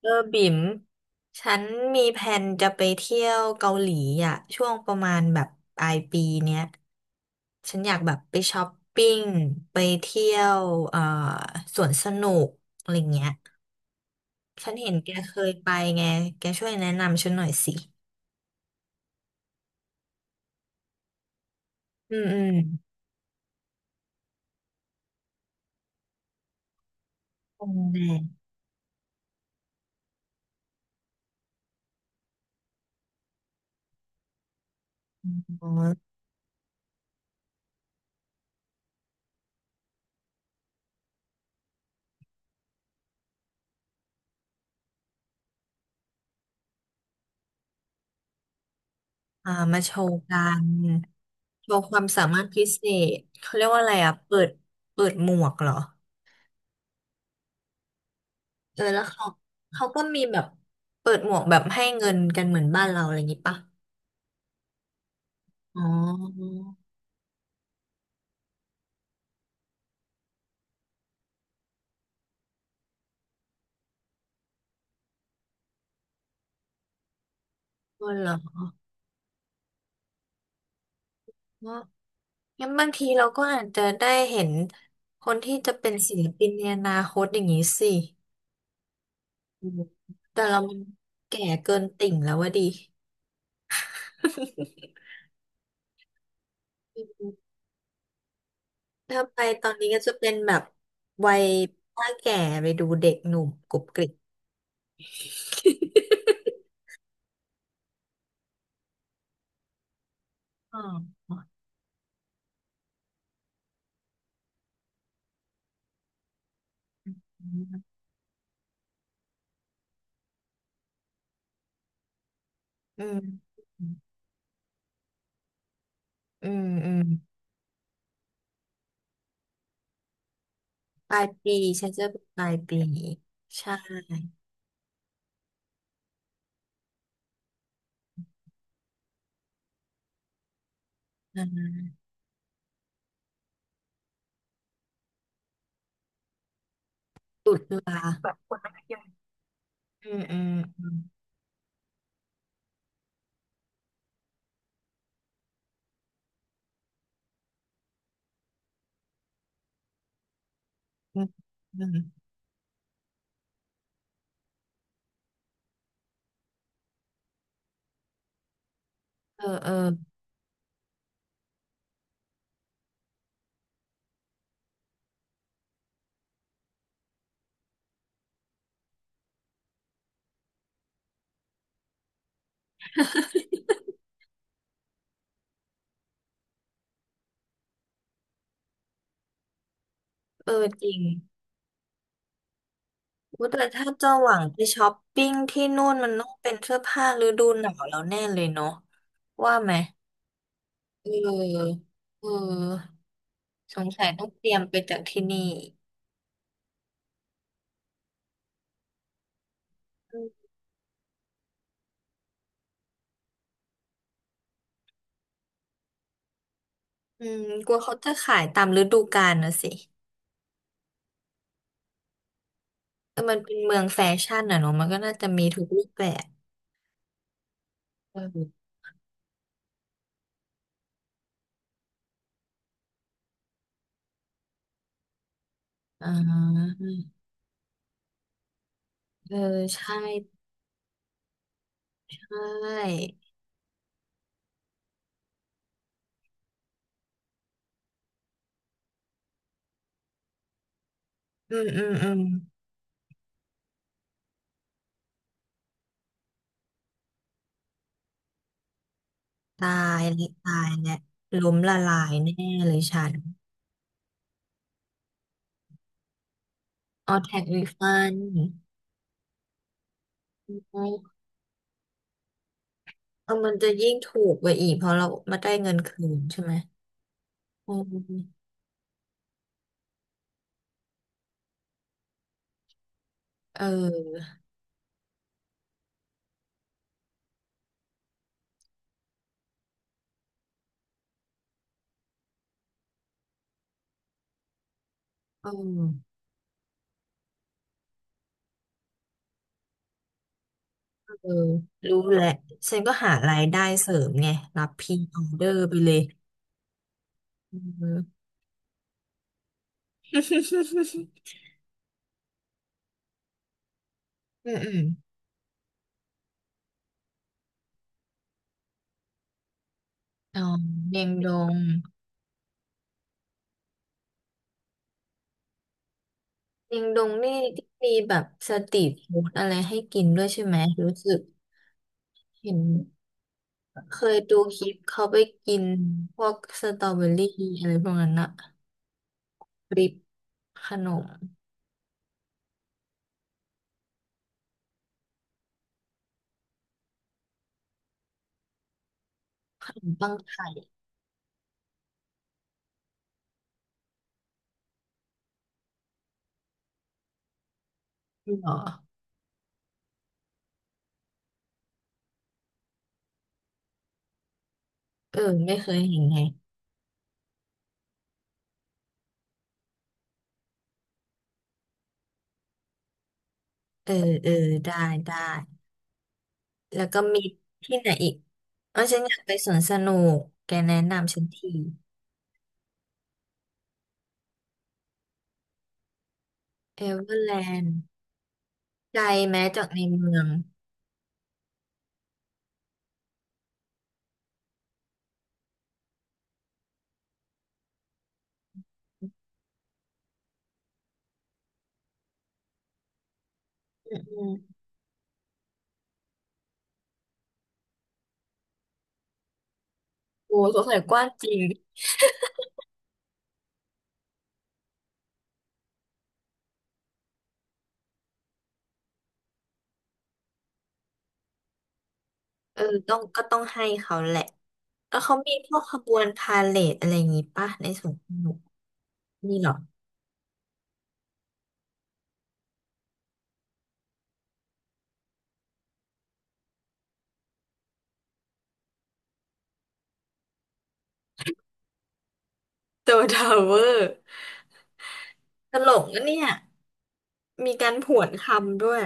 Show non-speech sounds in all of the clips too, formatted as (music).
เออบิ่มฉันมีแผนจะไปเที่ยวเกาหลีอ่ะช่วงประมาณแบบปลายปีเนี้ยฉันอยากแบบไปช้อปปิ้งไปเที่ยวเอ่อสวนสนุกอะไรเงี้ยฉันเห็นแกเคยไปไงแกช่วยแนะนำฉันหน่อยสิอืมอืมโรงแรมอ๋ออ่ามาโชว์กันโชว์ความสามารถพิเศษเขาเรียกว่าอะไรอ่ะเปิดเปิดหมวกเหรอ เออแล้วเขาเขาก็มีแบบเปิดหมวกแบบให้เงินกันเหมือนบ้านเราอะไรอย่างงี้ปะอ๋อก็เหรอ งั้นบางทีเราก็อาจจะได้เห็นคนที่จะเป็นศิลปินในอนาคตอย่างนี้สิอืมแต่เรามันแก่เกินติ่งแล้วว่าดี (laughs) ถ้าไปตอนนี้ก็จะเป็นแบบวัยป้าแก่ไปดูเด็กหนุ่มกรุบกริบอ๋อ อืม อืม อืม ปลายปีฉันจะไปปลายปีใช่อ่าตุลาแบบคนมันเยอะอืมอืมอืมอืมอืมเออเออเออจริงว่าแต่ถ้าจะหวังไปช้อปปิ้งที่นู่นมันต้องเป็นเสื้อผ้าฤดูหนาวแล้วแน่เลยเนาะว่าไหมเออเออสงสัยต้องเตรียมไปจากที่นี่อืมอืมกลัวเขาจะขายตามฤดูกาลนะสิแต่มันเป็นเมืองแฟชั่นอ่ะเนาะมันก็น่าจะมีทุกรูปแบบเอออ่า เออใช่ใช่อืมอืมอืมตายและตายและล้มละลายแน่เลยฉันออแท็กรีฟันเออมันจะยิ่งถูกไปอีกเพราะเรามาได้เงินคืนใช่ไหมอืมเออเออเออรู้แหละฉันก็หารายได้เสริมไงรับพรีออเดอร์ไปเลยอืม (laughs) อืมอืมอ๋อเมียงดง เชียงดงนี่ที่มีแบบสตรีทฟู้ดอะไรให้กินด้วยใช่ไหมรู้สึกเห็นเคยดูคลิปเขาไปกินพวกสตรอเบอรี่อะไรพวกนั้นอะริปขนมขนมปังไข่เหรอเออไม่เคยเห็นไงเออเออได้ได้แล้วก็มีที่ไหนอีกเออฉันอยากไปสวนสนุกแกแนะนำฉันทีเอเวอร์แลนด์ไกลแม้จากในเมืองอืมๆโอ้สงสัยกว้างจริง เออต้องก็ต้องให้เขาแหละแล้วเขามีพวกขบวนพาเหรดอะไรอย่างงี้ป่ะในสวนสนุกนี่เหรอโตทาวเวอร์ตลกนะเนี่ยมีการผวนคำด้วย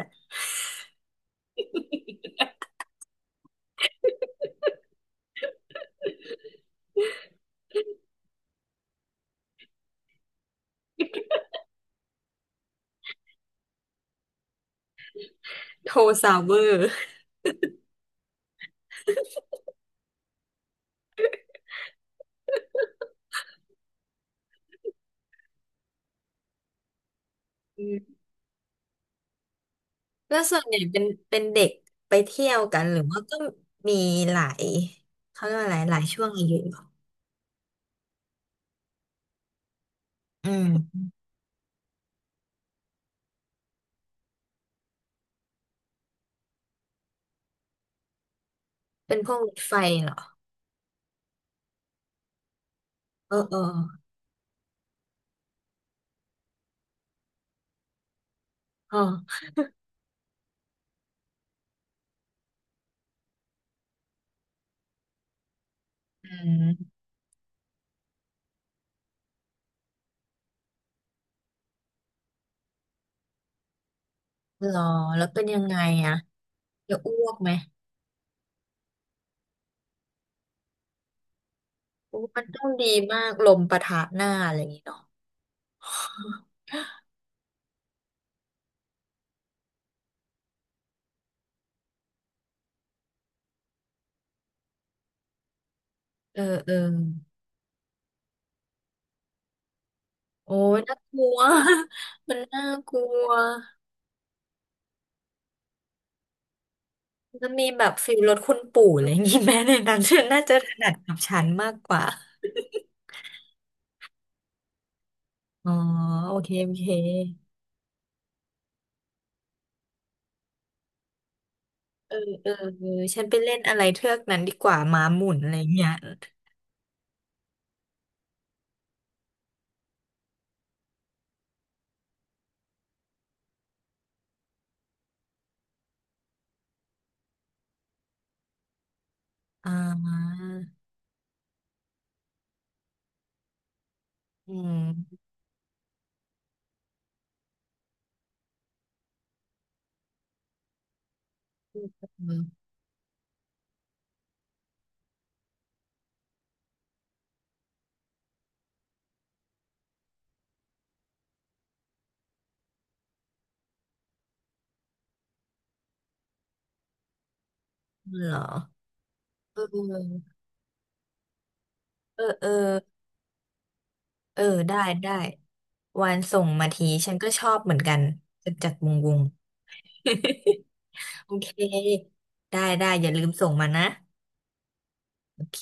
โทซาวเวอร์อืมแล้วส่วนใหญ่เป็นเป็นเด็กไปเที่ยวกันหรือว่าก็มีหลายเขาเรียกว่าอะไรหลายช่วงอายุเหรออืมเป็นพวกรถไฟเหรอเออเออเอออืมเหรอแล้วเป็นยังไงอะจะอ้วกไหม โอ้มันต้องดีมากลมปะทะหน้าอะไรอย่างงี้เนาะ (laughs) เออเออโอ้ยน่ากลัว (laughs) มันน่ากลัวมันมีแบบฟิลรถคุณปู่อะไรอย่างงี้แม้ในนั้นฉันน่าจะถนัดกับฉันมากกว่าอ๋อโอเคโอเคเออเออเออฉันไปเล่นอะไรเทือกนั้นดีกว่าม้าหมุนอะไรอย่างเงี้ยอ่าอืม (laughs) เออเหรอเออเออเออเออได้ได้ วานส่งมาทีฉันก็ชอบเหมือนกันจัดจัดวงวง (laughs) โอเคได้ได้อย่าลืมส่งมานะโอเค